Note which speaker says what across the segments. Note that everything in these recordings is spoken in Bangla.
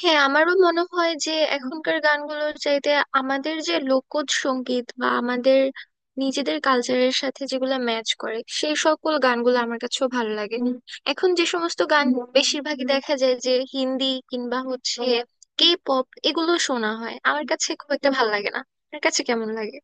Speaker 1: হ্যাঁ, আমারও মনে হয় যে এখনকার গানগুলোর চাইতে আমাদের যে লোকজ সঙ্গীত বা আমাদের নিজেদের কালচারের সাথে যেগুলো ম্যাচ করে সেই সকল গানগুলো আমার কাছেও ভালো লাগে। এখন যে সমস্ত গান বেশিরভাগই দেখা যায় যে হিন্দি কিংবা হচ্ছে কে পপ, এগুলো শোনা হয়, আমার কাছে খুব একটা ভালো লাগে না। আপনার কাছে কেমন লাগে?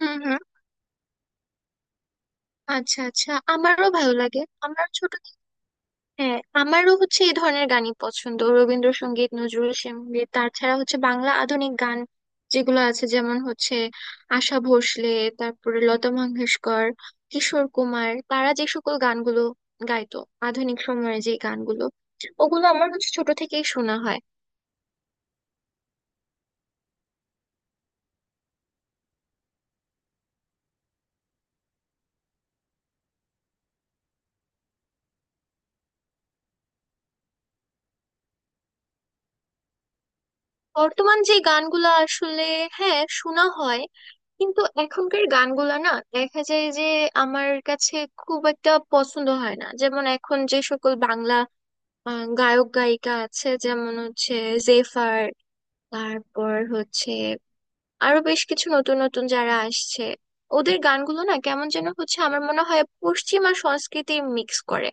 Speaker 1: হুম, হুম। আচ্ছা, আচ্ছা, আমারও ভালো লাগে। আমার ছোট হ্যাঁ, আমারও হচ্ছে এই ধরনের গানই পছন্দ। রবীন্দ্রসঙ্গীত, নজরুল সঙ্গীত, তাছাড়া হচ্ছে বাংলা আধুনিক গান যেগুলো আছে, যেমন হচ্ছে আশা ভোসলে, তারপরে লতা মঙ্গেশকর, কিশোর কুমার, তারা যে সকল গানগুলো গাইতো, আধুনিক সময়ের যে গানগুলো, ওগুলো আমার হচ্ছে ছোট থেকেই শোনা হয়। বর্তমান যে গানগুলো আসলে, হ্যাঁ, শোনা হয় কিন্তু এখনকার গানগুলো না, দেখা যায় যে আমার কাছে খুব একটা পছন্দ হয় না। যেমন এখন যে সকল বাংলা গায়ক গায়িকা আছে, যেমন হচ্ছে জেফার, তারপর হচ্ছে আরো বেশ কিছু নতুন নতুন যারা আসছে, ওদের গানগুলো না কেমন যেন হচ্ছে, আমার মনে হয় পশ্চিমা সংস্কৃতি মিক্স করে।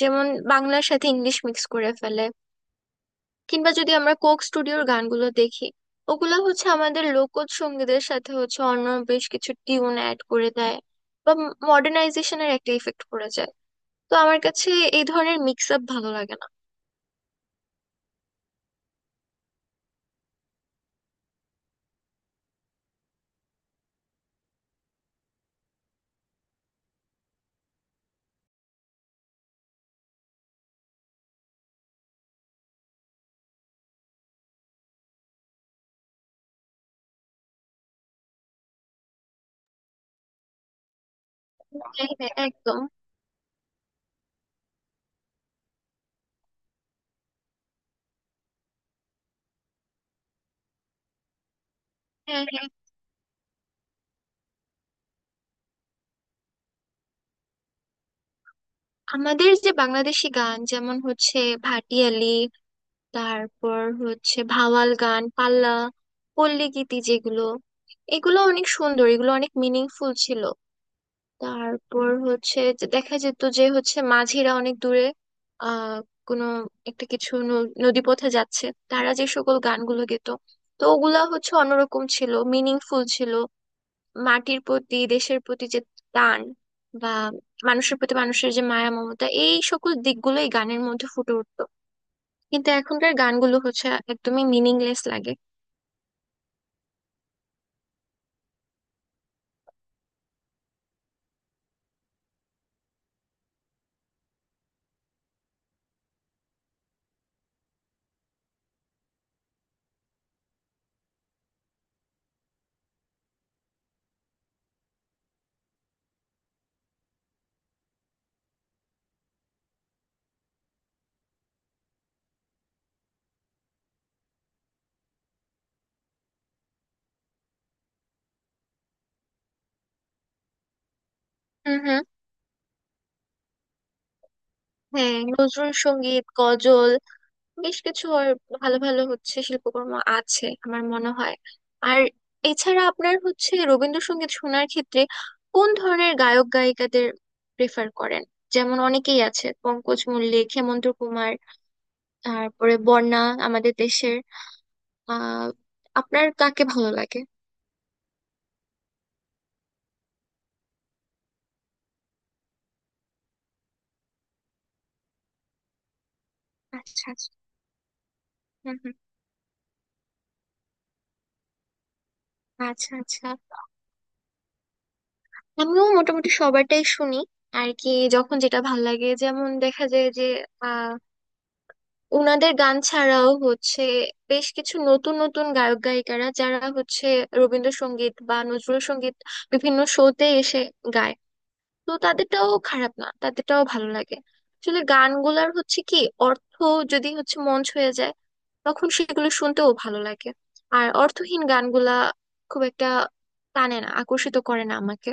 Speaker 1: যেমন বাংলার সাথে ইংলিশ মিক্স করে ফেলে, কিংবা যদি আমরা কোক স্টুডিওর গানগুলো দেখি, ওগুলো হচ্ছে আমাদের লোকজ সঙ্গীতের সাথে হচ্ছে অন্য বেশ কিছু টিউন অ্যাড করে দেয়, বা মডার্নাইজেশনের একটা ইফেক্ট পড়ে যায়। তো আমার কাছে এই ধরনের মিক্স আপ ভালো লাগে না। হ্যাঁ, হ্যাঁ, একদম। হ্যাঁ, হ্যাঁ। আমাদের যে বাংলাদেশি গান, যেমন হচ্ছে ভাটিয়ালি, তারপর হচ্ছে ভাওয়াল গান, পাল্লা, পল্লী গীতি যেগুলো, এগুলো অনেক সুন্দর, এগুলো অনেক মিনিংফুল ছিল। তারপর হচ্ছে যে দেখা যেত যে হচ্ছে মাঝিরা অনেক দূরে আহ কোনো একটা কিছু নদীপথে যাচ্ছে, তারা যে সকল গানগুলো গেতো, তো ওগুলা হচ্ছে অন্যরকম ছিল, মিনিংফুল ছিল। মাটির প্রতি, দেশের প্রতি যে টান, বা মানুষের প্রতি মানুষের যে মায়া মমতা, এই সকল দিকগুলোই গানের মধ্যে ফুটে উঠতো। কিন্তু এখনকার গানগুলো হচ্ছে একদমই মিনিংলেস লাগে। হুম, হুম। হ্যাঁ, নজরুল সঙ্গীত, গজল বেশ কিছু, আর ভালো ভালো হচ্ছে শিল্পকর্ম আছে আমার মনে হয়। আর এছাড়া আপনার হচ্ছে রবীন্দ্রসঙ্গীত শোনার ক্ষেত্রে কোন ধরনের গায়ক গায়িকাদের প্রেফার করেন? যেমন অনেকেই আছে, পঙ্কজ মল্লিক, হেমন্ত কুমার, তারপরে বন্যা, আমাদের দেশের, আহ আপনার কাকে ভালো লাগে? আচ্ছা, আচ্ছা। হুম, হুম। আচ্ছা, আচ্ছা, আমিও মোটামুটি সবারটাই শুনি আর কি। যখন যেটা ভালো লাগে, যেমন দেখা যায় যে, আহ, ওনাদের গান ছাড়াও হচ্ছে বেশ কিছু নতুন নতুন গায়ক গায়িকারা যারা হচ্ছে রবীন্দ্রসঙ্গীত বা নজরুল সঙ্গীত বিভিন্ন শোতে এসে গায়, তো তাদেরটাও খারাপ না, তাদেরটাও ভালো লাগে। আসলে গানগুলার হচ্ছে কি, অর্থ যদি হচ্ছে মন ছুঁয়ে যায়, তখন সেগুলো শুনতেও ভালো লাগে। আর অর্থহীন গানগুলা খুব একটা টানে না, আকর্ষিত করে না আমাকে।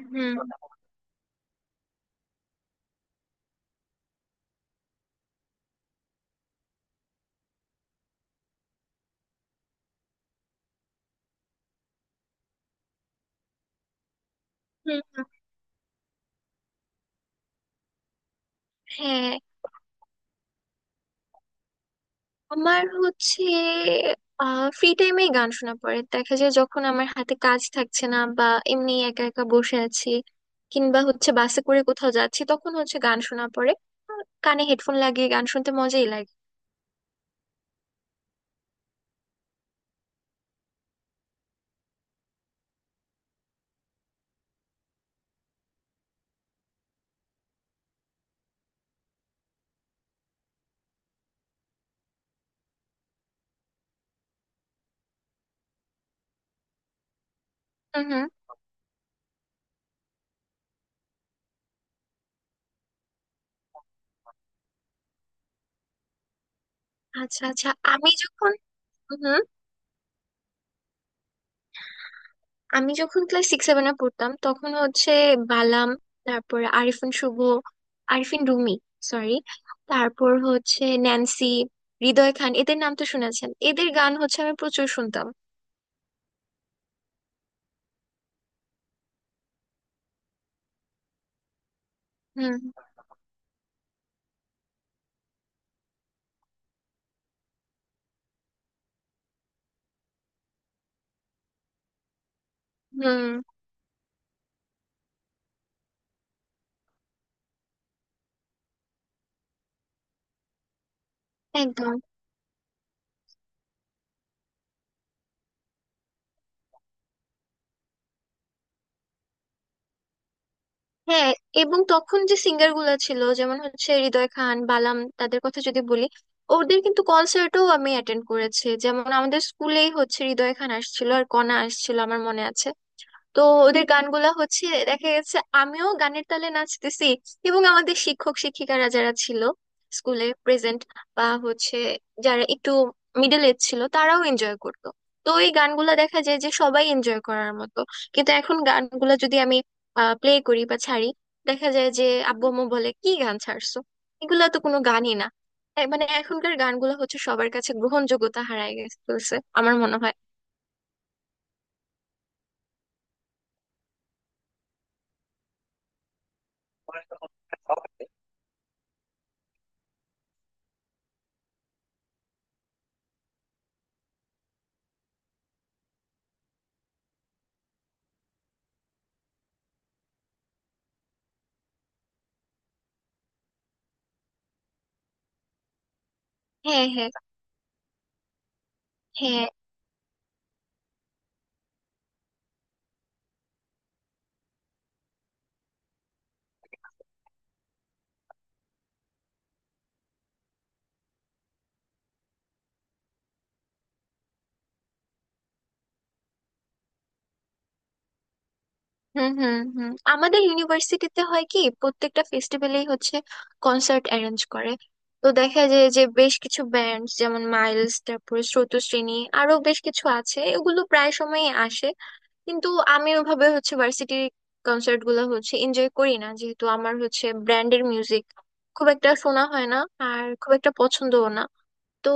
Speaker 1: হুম, হুম, হুম। হ্যাঁ। আমার হচ্ছে ফ্রি টাইমে গান শোনা পড়ে, দেখা যায় যখন আমার হাতে কাজ থাকছে না, বা এমনি একা একা বসে আছি, কিংবা হচ্ছে বাসে করে কোথাও যাচ্ছি, তখন হচ্ছে গান শোনা পড়ে। আর কানে হেডফোন লাগিয়ে গান শুনতে মজাই লাগে। হুম, হুম। আচ্ছা, আচ্ছা। আমি যখন, হুম, হুম, আমি যখন ক্লাস সিক্স সেভেনে পড়তাম তখন হচ্ছে বালাম, তারপর আরিফিন শুভ, আরিফিন রুমি, সরি, তারপর হচ্ছে ন্যান্সি, হৃদয় খান, এদের নাম তো শুনেছেন, এদের গান হচ্ছে আমি প্রচুর শুনতাম। হুম, হুম। একদম। হ্যাঁ। এবং তখন যে সিঙ্গার গুলা ছিল, যেমন হচ্ছে হৃদয় খান, বালাম, তাদের কথা যদি বলি, ওদের কিন্তু কনসার্টও আমি অ্যাটেন্ড করেছি। যেমন আমাদের স্কুলেই হচ্ছে হৃদয় খান আসছিল আর কণা আসছিল, আমার মনে আছে। তো ওদের গানগুলা হচ্ছে দেখা গেছে আমিও গানের তালে নাচতেছি, এবং আমাদের শিক্ষক শিক্ষিকারা যারা ছিল স্কুলে প্রেজেন্ট, বা হচ্ছে যারা একটু মিডল এজ ছিল, তারাও এনজয় করতো। তো এই গানগুলা দেখা যায় যে সবাই এনজয় করার মতো। কিন্তু এখন গানগুলা যদি আমি প্লে করি বা ছাড়ি, দেখা যায় যে আব্বু আম্মু বলে কি গান ছাড়ছো, এগুলা তো কোনো গানই না। মানে এখনকার গানগুলো হচ্ছে সবার কাছে গ্রহণযোগ্যতা হারায় গেছে ফেলছে, আমার মনে হয়। হ্যাঁ, হ্যাঁ, হ্যাঁ। হুম, হুম, হুম। আমাদের ইউনিভার্সিটিতে হয় কি, প্রত্যেকটা ফেস্টিভ্যালেই হচ্ছে কনসার্ট অ্যারেঞ্জ করে। তো দেখা যায় যে বেশ কিছু ব্যান্ড, যেমন মাইলস, তারপরে স্রোতশ্রেণী, আরো বেশ কিছু আছে, এগুলো প্রায় সময়ই আসে। কিন্তু আমি ওভাবে হচ্ছে ভার্সিটির কনসার্ট গুলো হচ্ছে এনজয় করি না, যেহেতু আমার হচ্ছে ব্র্যান্ডের মিউজিক খুব একটা শোনা হয় না আর খুব একটা পছন্দও না। তো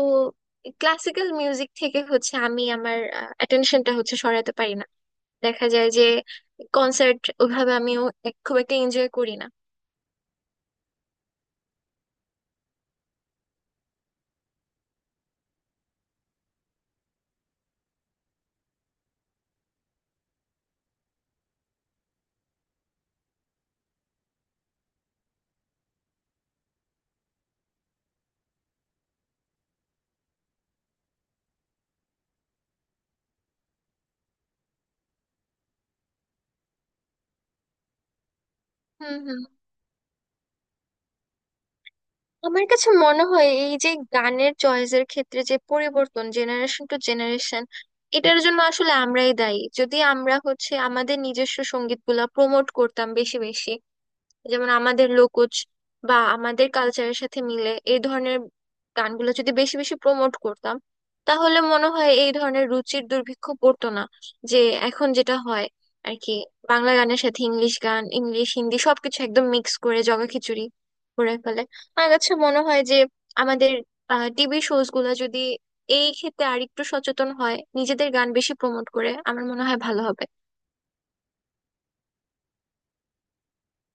Speaker 1: ক্লাসিক্যাল মিউজিক থেকে হচ্ছে আমি আমার অ্যাটেনশনটা হচ্ছে সরাতে পারি না। দেখা যায় যে কনসার্ট ওইভাবে আমিও খুব একটা এনজয় করি না। হুম, হুম। আমার কাছে মনে হয় এই যে গানের চয়েসের ক্ষেত্রে যে পরিবর্তন জেনারেশন টু জেনারেশন, এটার জন্য আসলে আমরাই দায়ী। যদি আমরা হচ্ছে আমাদের নিজস্ব সঙ্গীতগুলা প্রমোট করতাম বেশি বেশি, যেমন আমাদের লোকজ বা আমাদের কালচারের সাথে মিলে এই ধরনের গানগুলো যদি বেশি বেশি প্রমোট করতাম, তাহলে মনে হয় এই ধরনের রুচির দুর্ভিক্ষ পড়তো না। যে এখন যেটা হয় আর কি, বাংলা গানের সাথে ইংলিশ গান, ইংলিশ হিন্দি সবকিছু একদম মিক্স করে জগা খিচুড়ি করে ফেলে। আমার কাছে মনে হয় যে আমাদের টিভি শোজ গুলো যদি এই ক্ষেত্রে আরেকটু সচেতন হয়, নিজেদের গান বেশি প্রমোট করে, আমার মনে হয় ভালো হবে।